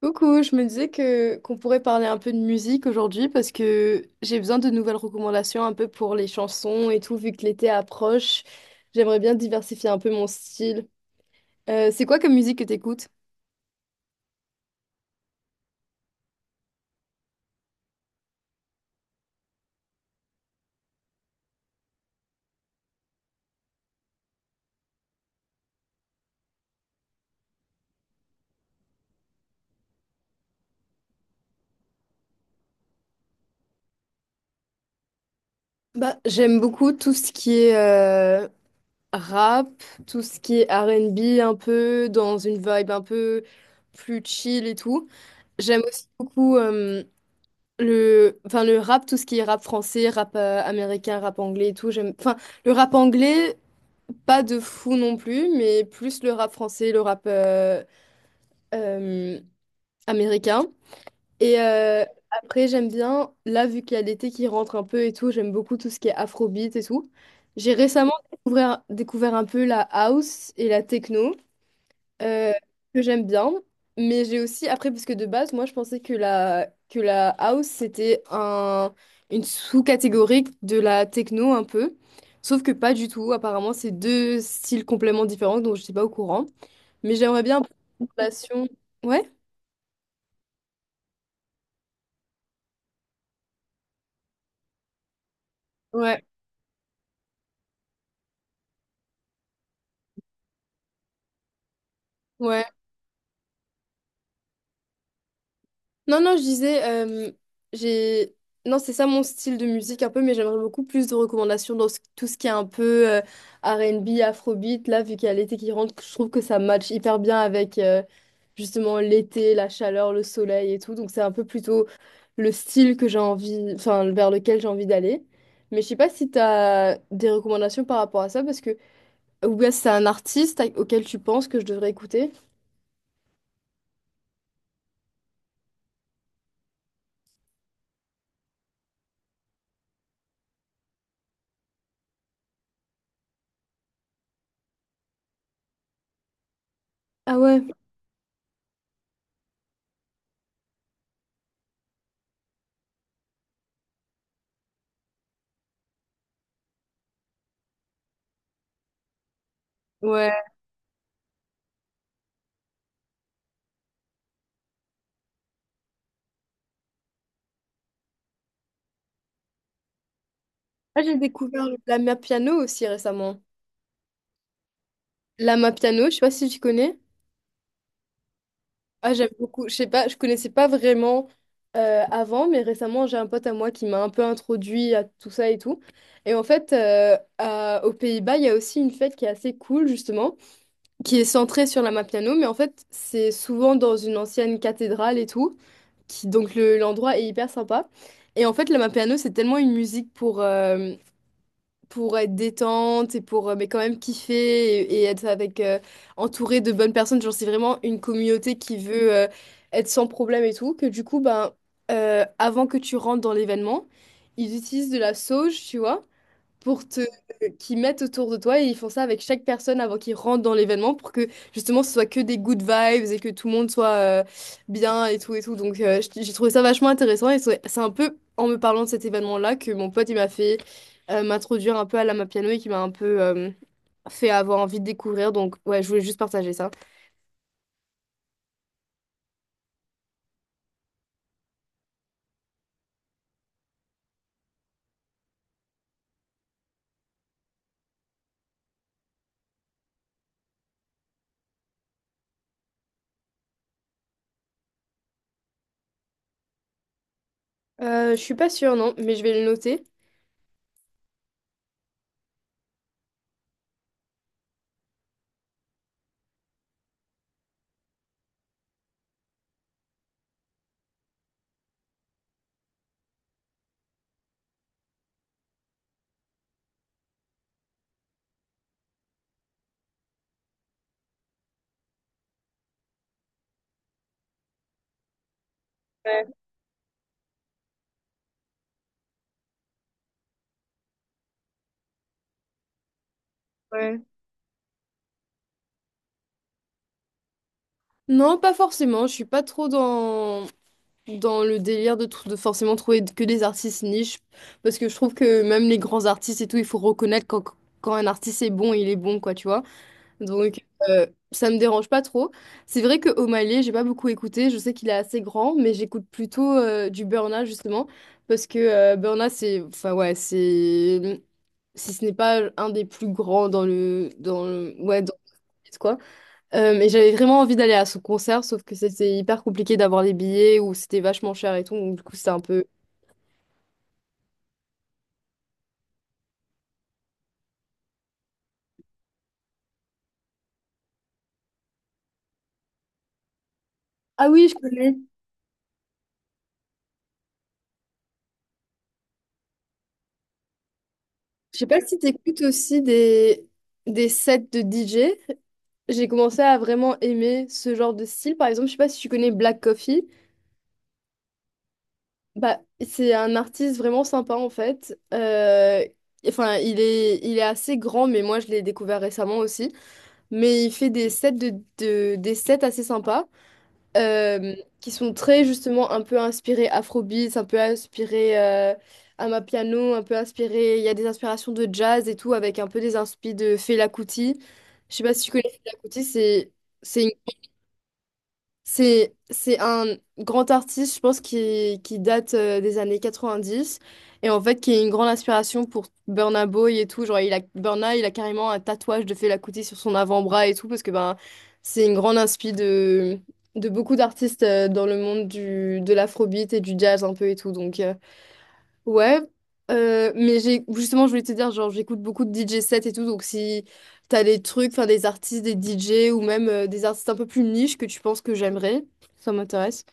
Coucou, je me disais que qu'on pourrait parler un peu de musique aujourd'hui parce que j'ai besoin de nouvelles recommandations un peu pour les chansons et tout, vu que l'été approche. J'aimerais bien diversifier un peu mon style. C'est quoi comme musique que t'écoutes? Bah, j'aime beaucoup tout ce qui est rap, tout ce qui est R&B un peu, dans une vibe un peu plus chill et tout. J'aime aussi beaucoup enfin, le rap, tout ce qui est rap français, rap américain, rap anglais et tout. J'aime, enfin, le rap anglais. Pas de fou non plus, mais plus le rap français, le rap euh, américain. Et après, j'aime bien, là, vu qu'il y a l'été qui rentre un peu et tout, j'aime beaucoup tout ce qui est afrobeat et tout. J'ai récemment découvert un peu la house et la techno euh, que j'aime bien. Mais j'ai aussi, après, parce que de base, moi, je pensais que la house, c'était une sous-catégorie de la techno un peu. Sauf que pas du tout. Apparemment, c'est deux styles complètement différents, donc je n'étais pas au courant. Mais j'aimerais bien un peu une relation. Ouais? Ouais, ouais. Non, non, je disais, j'ai... Non, c'est ça mon style de musique un peu, mais j'aimerais beaucoup plus de recommandations dans tout ce qui est un peu R&B, afrobeat. Là, vu qu'il y a l'été qui rentre, je trouve que ça match hyper bien avec justement l'été, la chaleur, le soleil et tout. Donc, c'est un peu plutôt le style que j'ai envie, enfin, vers lequel j'ai envie d'aller. Mais je sais pas si tu as des recommandations par rapport à ça, parce que, ou bien si c'est un artiste auquel tu penses que je devrais écouter. Ah ouais, ouais. Ah, j'ai découvert la mère piano aussi récemment. Lama Piano, je sais pas si tu connais. Ah, j'aime beaucoup. Je sais pas, je connaissais pas vraiment avant, mais récemment, j'ai un pote à moi qui m'a un peu introduit à tout ça et tout. Et en fait, aux Pays-Bas, il y a aussi une fête qui est assez cool, justement, qui est centrée sur Lama Piano, mais en fait, c'est souvent dans une ancienne cathédrale et tout. Qui, donc, l'endroit est hyper sympa. Et en fait, Lama Piano, c'est tellement une musique pour être détente et pour mais quand même kiffer et être avec entouré de bonnes personnes. Genre, c'est vraiment une communauté qui veut être sans problème et tout. Que du coup, ben, avant que tu rentres dans l'événement, ils utilisent de la sauge, tu vois pour te qu'ils mettent autour de toi et ils font ça avec chaque personne avant qu'ils rentrent dans l'événement pour que justement ce soit que des good vibes et que tout le monde soit bien et tout et tout. Donc j'ai trouvé ça vachement intéressant et c'est un peu en me parlant de cet événement-là que mon pote il m'a fait m'introduire un peu à la piano et qui m'a un peu fait avoir envie de découvrir. Donc ouais, je voulais juste partager ça. Je suis pas sûre non, mais je vais le noter. Ouais, ouais. Non, pas forcément, je suis pas trop dans le délire de forcément trouver que des artistes niches, parce que je trouve que même les grands artistes et tout, il faut reconnaître quand un artiste est bon, il est bon, quoi, tu vois. Donc, ça me dérange pas trop. C'est vrai que O'Malley, j'ai pas beaucoup écouté, je sais qu'il est assez grand, mais j'écoute plutôt du Burna, justement, parce que Burna, c'est, enfin, ouais, c'est, si ce n'est pas un des plus grands dans le, ouais, dans quoi. Mais j'avais vraiment envie d'aller à son concert, sauf que c'était hyper compliqué d'avoir les billets ou c'était vachement cher et tout. Donc, du coup, c'était un peu. Ah oui, je connais. Je sais pas si t'écoutes aussi des sets de DJ. J'ai commencé à vraiment aimer ce genre de style. Par exemple, je sais pas si tu connais Black Coffee. Bah, c'est un artiste vraiment sympa en fait. Enfin, il est assez grand, mais moi je l'ai découvert récemment aussi. Mais il fait des sets des sets assez sympas. euh, qui sont très justement un peu inspirés afrobeats, un peu inspirés Amapiano, un peu inspirés. Il y a des inspirations de jazz et tout, avec un peu des inspirations de Fela Kuti. Je sais pas si tu connais Fela Kuti, c'est c'est un grand artiste, je pense, qui date des années 90 et en fait qui est une grande inspiration pour Burna Boy et tout. Genre, il a, Burna, il a carrément un tatouage de Fela Kuti sur son avant-bras et tout parce que ben, c'est une grande inspi de beaucoup d'artistes dans le monde du, de l'afrobeat et du jazz un peu et tout. Donc, ouais, mais j'ai justement, je voulais te dire, genre, j'écoute beaucoup de DJ sets et tout, donc si t'as des trucs, enfin des artistes, des DJ ou même des artistes un peu plus niche que tu penses que j'aimerais, ça m'intéresse.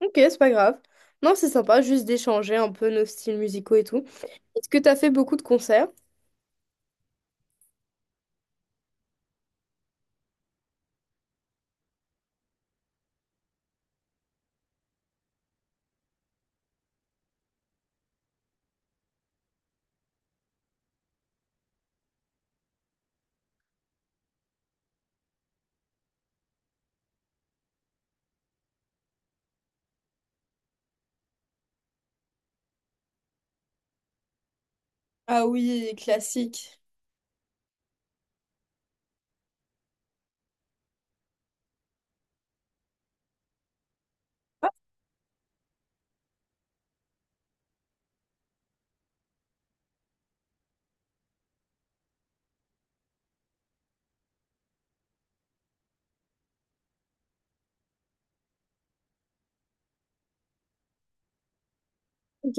Ok, c'est pas grave. Non, c'est sympa, juste d'échanger un peu nos styles musicaux et tout. Est-ce que t'as fait beaucoup de concerts? Ah oui, classique. Ok.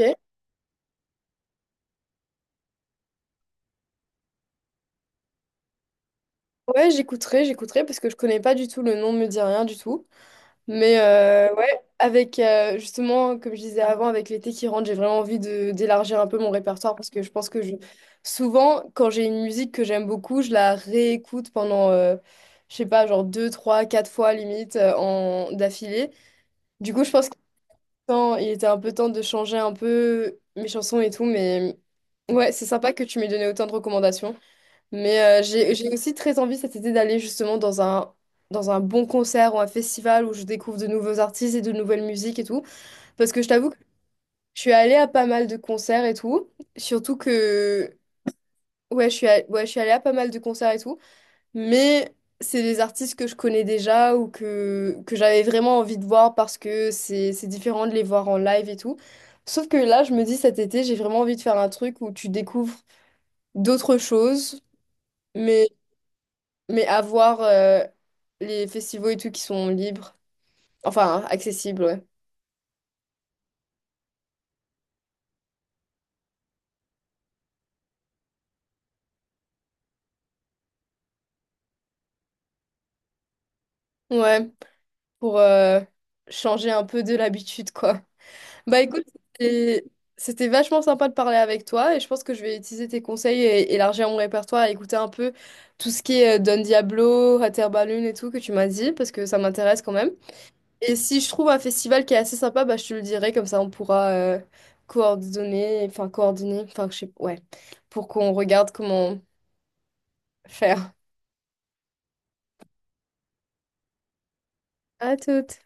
Ouais, j'écouterai, j'écouterai parce que je connais pas du tout le nom, me dit rien du tout. Mais ouais, avec justement, comme je disais avant, avec l'été qui rentre, j'ai vraiment envie de d'élargir un peu mon répertoire parce que je pense que je... souvent, quand j'ai une musique que j'aime beaucoup, je la réécoute pendant, je sais pas, genre deux, trois, quatre fois limite d'affilée. Du coup, je pense qu'il était un peu temps de changer un peu mes chansons et tout, mais ouais, c'est sympa que tu m'aies donné autant de recommandations. Mais j'ai aussi très envie cet été d'aller justement dans un, bon concert ou un festival où je découvre de nouveaux artistes et de nouvelles musiques et tout. Parce que je t'avoue que je suis allée à pas mal de concerts et tout. Surtout que... Ouais, je suis allée, ouais, je suis allée à pas mal de concerts et tout. Mais c'est des artistes que je connais déjà ou que j'avais vraiment envie de voir parce que c'est différent de les voir en live et tout. Sauf que là, je me dis cet été, j'ai vraiment envie de faire un truc où tu découvres d'autres choses. Mais avoir les festivals et tout qui sont libres. Enfin, accessibles, ouais. Ouais, pour changer un peu de l'habitude, quoi. Bah écoute, c'était c'était vachement sympa de parler avec toi et je pense que je vais utiliser tes conseils et élargir mon répertoire et écouter un peu tout ce qui est Don Diablo, Rather Balloon et tout que tu m'as dit parce que ça m'intéresse quand même. Et si je trouve un festival qui est assez sympa, bah je te le dirai, comme ça on pourra coordonner, enfin je sais, ouais, pour qu'on regarde comment faire. À toutes.